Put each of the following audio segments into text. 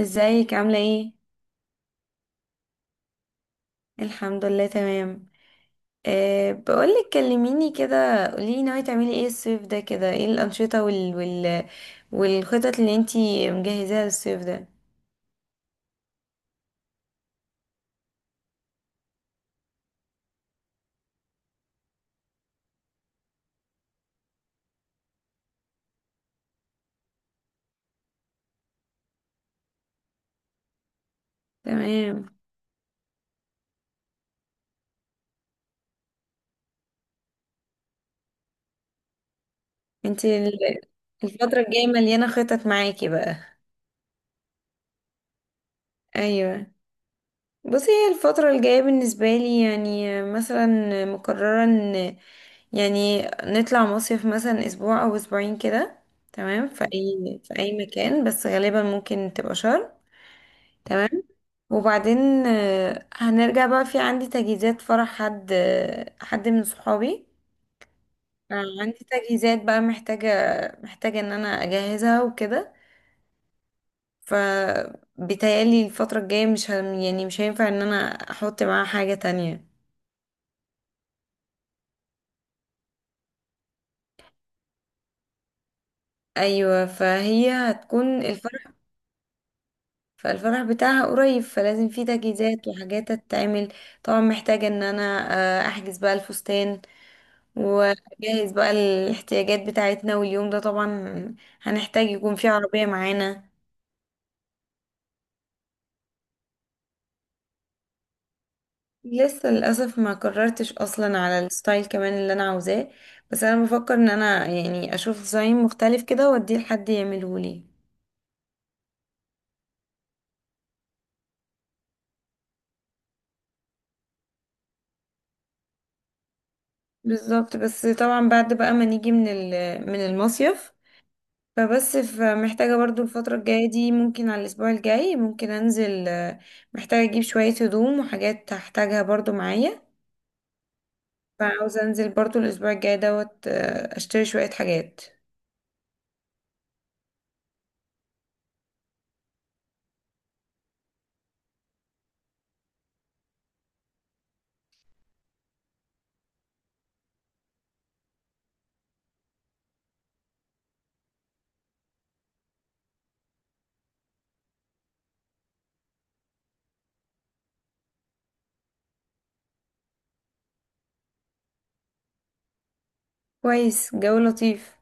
ازيك عاملة ايه؟ الحمد لله تمام. أه بقولك، كلميني كده، قوليلي ناوية تعملي ايه الصيف ده، كده ايه الأنشطة والخطط اللي انتي مجهزاها للصيف ده. تمام. انتي الفترة الجاية مليانة خطط معاكي بقى. ايوه. بصي، هي الفترة الجاية بالنسبة لي يعني مثلا مقررة ان يعني نطلع مصيف مثلا اسبوع او اسبوعين كده، تمام، في اي في اي مكان، بس غالبا ممكن تبقى شرم. تمام. وبعدين هنرجع بقى، في عندي تجهيزات فرح حد، حد من صحابي. آه، عندي تجهيزات بقى، محتاجة ان انا اجهزها وكده. ف بيتهيألي الفترة الجاية مش هم يعني مش هينفع ان انا احط معاها حاجة تانية. ايوه، فهي هتكون الفرح. فالفرح بتاعها قريب، فلازم في تجهيزات وحاجات تتعمل. طبعا محتاجة ان انا احجز بقى الفستان، وجهز بقى الاحتياجات بتاعتنا، واليوم ده طبعا هنحتاج يكون فيه عربية معانا. لسه للأسف ما قررتش أصلا على الستايل كمان اللي أنا عاوزاه، بس أنا بفكر إن أنا يعني أشوف ديزاين مختلف كده وأديه لحد يعملهولي. بالظبط، بس طبعا بعد بقى ما نيجي من من المصيف. فبس محتاجة برضو الفترة الجاية دي، ممكن على الأسبوع الجاي ممكن أنزل، محتاجة أجيب شوية هدوم وحاجات هحتاجها برضو معايا. فعاوزة انزل برضو الاسبوع الجاي دوت، اشتري شوية حاجات. كويس، جو لطيف.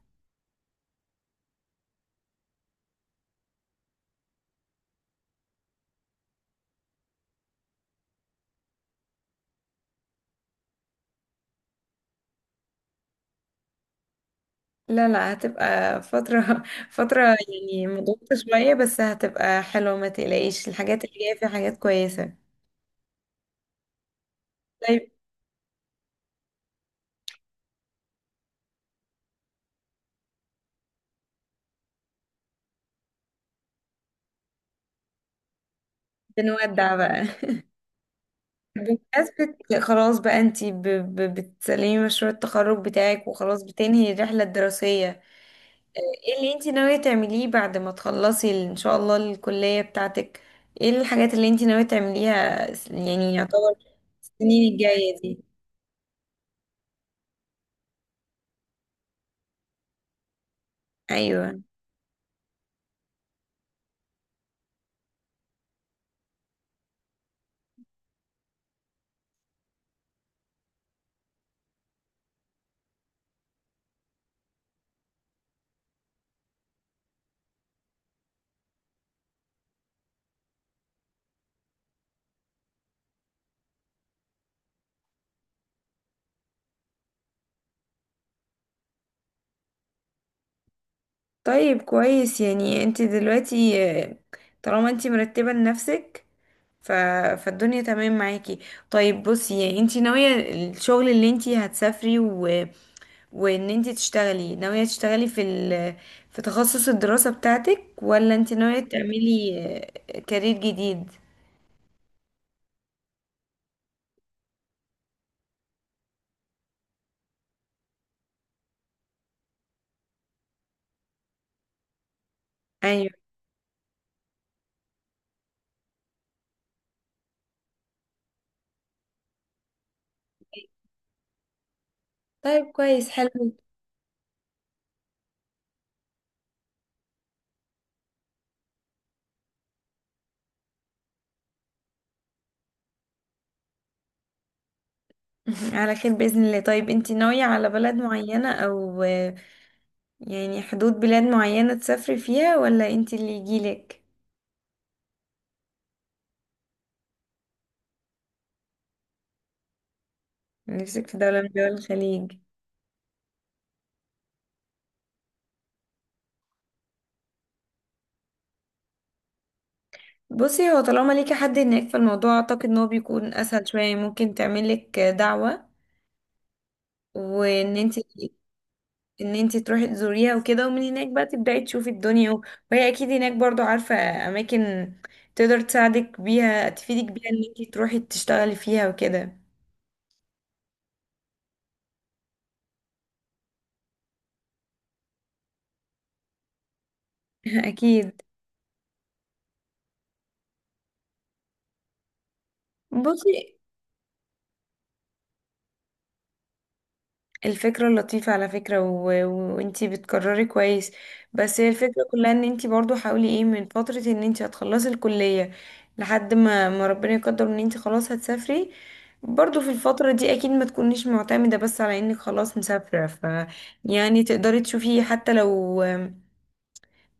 لا لا، هتبقى فترة فترة يعني مضغوطة شوية، بس هتبقى حلوة، ما تقلقيش، الحاجات اللي جاية فيها حاجات كويسة. طيب. بنودع بقى بمناسبة خلاص بقى، انتي بتسلمي مشروع التخرج بتاعك، وخلاص بتنهي الرحلة الدراسية. ايه اللي انتي ناوية تعمليه بعد ما تخلصي ان شاء الله الكلية بتاعتك؟ ايه الحاجات اللي انتي ناوية تعمليها يعني يعتبر السنين الجاية دي؟ ايوه. طيب كويس. يعني انت دلوقتي، طالما انت مرتبة لنفسك، ف... فالدنيا تمام معاكي. طيب بصي، يعني انت ناوية الشغل اللي انت هتسافري وان انت تشتغلي، ناوية تشتغلي في في تخصص الدراسة بتاعتك، ولا انت ناوية تعملي كارير جديد؟ ايوه. طيب كويس حلو. على خير بإذن الله. طيب انت ناوية على بلد معينة، او يعني حدود بلاد معينة تسافري فيها، ولا انت اللي يجيلك؟ نفسك في دولة من دول الخليج. بصي هو طالما ليكي حد هناك، فالموضوع اعتقد ان هو بيكون اسهل شوية، ممكن تعملك دعوة وان انت ان انت تروحي تزوريها وكده، ومن هناك بقى تبدأي تشوفي الدنيا وهي اكيد هناك برضو عارفة اماكن تقدر تساعدك بيها، تفيدك بيها ان انت تروحي تشتغلي فيها وكده. اكيد. بصي الفكرة لطيفة على فكرة، وانتي بتكرري كويس، بس هي الفكرة كلها ان انتي برضو حاولي ايه من فترة، ان انتي هتخلصي الكلية، لحد ما ربنا يقدر، ان انتي خلاص هتسافري. برضو في الفترة دي اكيد ما تكونيش معتمدة بس على انك خلاص مسافرة، ف يعني تقدري تشوفي حتى لو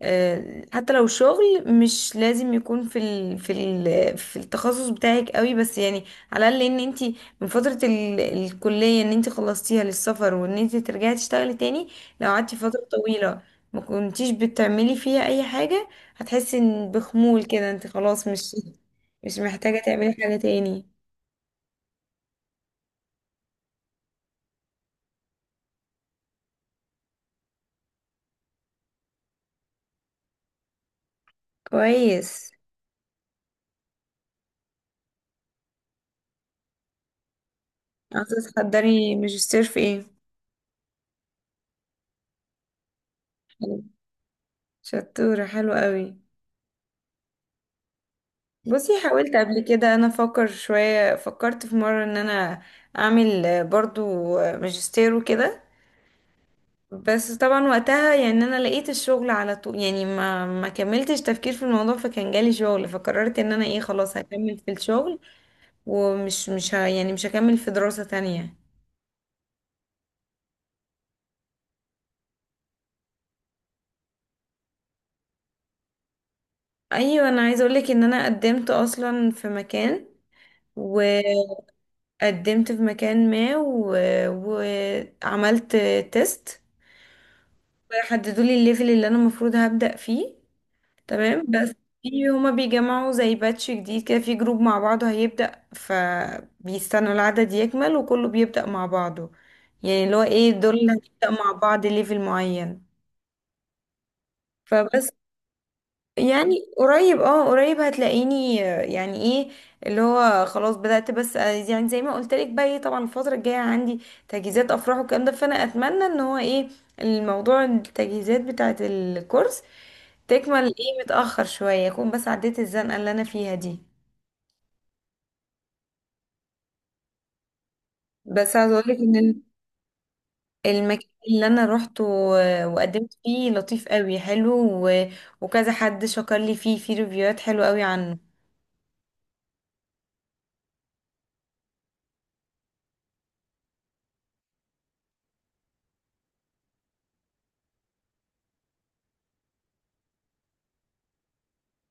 حتى لو شغل مش لازم يكون في في التخصص بتاعك قوي، بس يعني على الاقل ان انت من فتره الكليه ان انت خلصتيها للسفر، وان انت ترجعي تشتغلي تاني. لو قعدتي فتره طويله ما كنتيش بتعملي فيها اي حاجه، هتحسي إن بخمول كده، انت خلاص مش محتاجه تعملي حاجه تاني. كويس. عايزه تحضري ماجستير في ايه؟ حلو. شطوره، حلوه قوي. بصي حاولت قبل كده، انا افكر شوية، فكرت في مرة ان انا اعمل برضو ماجستير وكده، بس طبعا وقتها يعني انا لقيت الشغل على طول، يعني ما كملتش تفكير في الموضوع، فكان جالي شغل، فقررت ان انا ايه خلاص هكمل في الشغل، ومش مش ه يعني مش هكمل في دراسة تانية. ايوه. انا عايزة اقولك ان انا قدمت اصلا في مكان، وقدمت في مكان ما وعملت تيست يحددوا لي الليفل اللي انا المفروض هبدأ فيه، تمام. بس في هما بيجمعوا زي باتش جديد كده في جروب مع بعضه هيبدأ، فبيستنوا العدد يكمل وكله بيبدأ مع بعضه، يعني اللي هو ايه دول اللي هنبدأ مع بعض ليفل معين. فبس يعني قريب، اه قريب هتلاقيني، يعني ايه، اللي هو خلاص بدأت، بس يعني زي ما قلت لك بقى ايه، طبعا الفترة الجاية عندي تجهيزات افراح والكلام ده، فانا اتمنى ان هو ايه الموضوع، التجهيزات بتاعة الكورس تكمل ايه متأخر شوية، اكون بس عديت الزنقة اللي انا فيها دي. بس عايزة اقولك ان المكان اللي انا روحته وقدمت فيه لطيف قوي، حلو و... وكذا حد شكر لي فيه في ريفيوهات حلوة قوي عنه.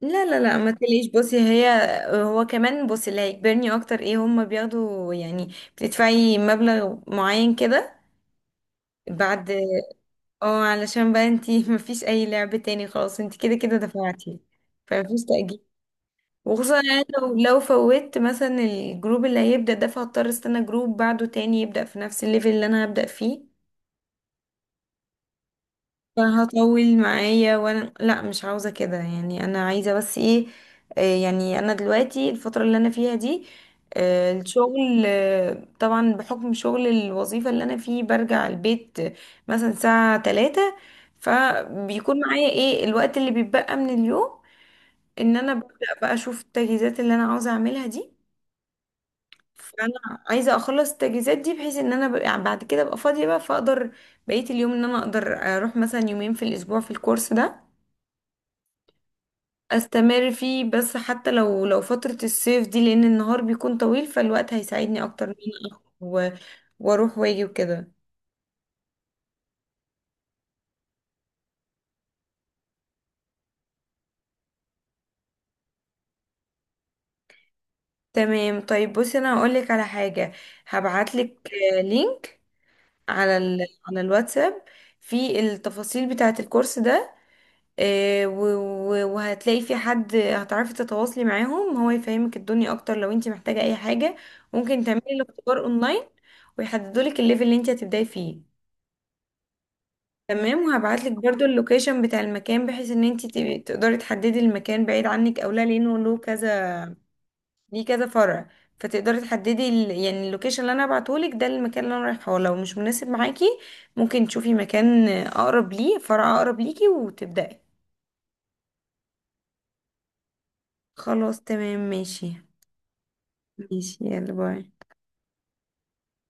لا لا لا ما تقلقيش، بصي هي، هو كمان بصي اللي هيجبرني اكتر ايه، هما بياخدوا يعني بتدفعي مبلغ معين كده بعد. اه علشان بقى انتي مفيش اي لعب تاني، خلاص انتي كده كده دفعتي، فمفيش تأجيل. وخصوصا يعني لو فوت مثلا الجروب اللي هيبدأ ده، فهضطر استنى جروب بعده تاني يبدأ في نفس الليفل اللي انا هبدأ فيه. فهطول معايا، وانا لا مش عاوزة كده، يعني انا عايزة بس ايه، يعني انا دلوقتي الفترة اللي انا فيها دي، الشغل، طبعا بحكم شغل الوظيفة اللي انا فيه برجع البيت مثلا الساعة 3، فبيكون معايا ايه الوقت اللي بيتبقى من اليوم ان انا ببدأ بقى اشوف التجهيزات اللي انا عاوزة اعملها دي. فانا عايزه اخلص التجهيزات دي بحيث ان انا يعني بعد كده ابقى فاضيه بقى، فاقدر بقيه اليوم ان انا اقدر اروح مثلا يومين في الاسبوع في الكورس ده استمر فيه، بس حتى لو فتره الصيف دي، لان النهار بيكون طويل، فالوقت هيساعدني اكتر ان انا أخرج واروح واجي وكده. تمام. طيب بصي انا هقولك على حاجه، هبعتلك لينك على على الواتساب في التفاصيل بتاعه الكورس ده، وهتلاقي في حد هتعرفي تتواصلي معاهم هو يفهمك الدنيا اكتر لو انت محتاجة اي حاجة. ممكن تعملي الاختبار اونلاين، ويحددوا لك الليفل اللي انت هتبداي فيه. تمام. وهبعت لك برضو اللوكيشن بتاع المكان، بحيث ان انت تقدري تحددي المكان بعيد عنك او لا، لانه له كذا ليه كذا فرع، فتقدري تحددي يعني اللوكيشن اللي انا هبعته لك ده المكان اللي انا رايحه، لو مش مناسب معاكي ممكن تشوفي مكان اقرب، ليه فرع اقرب ليكي وتبداي. خلاص تمام ماشي. ماشي، يلا باي.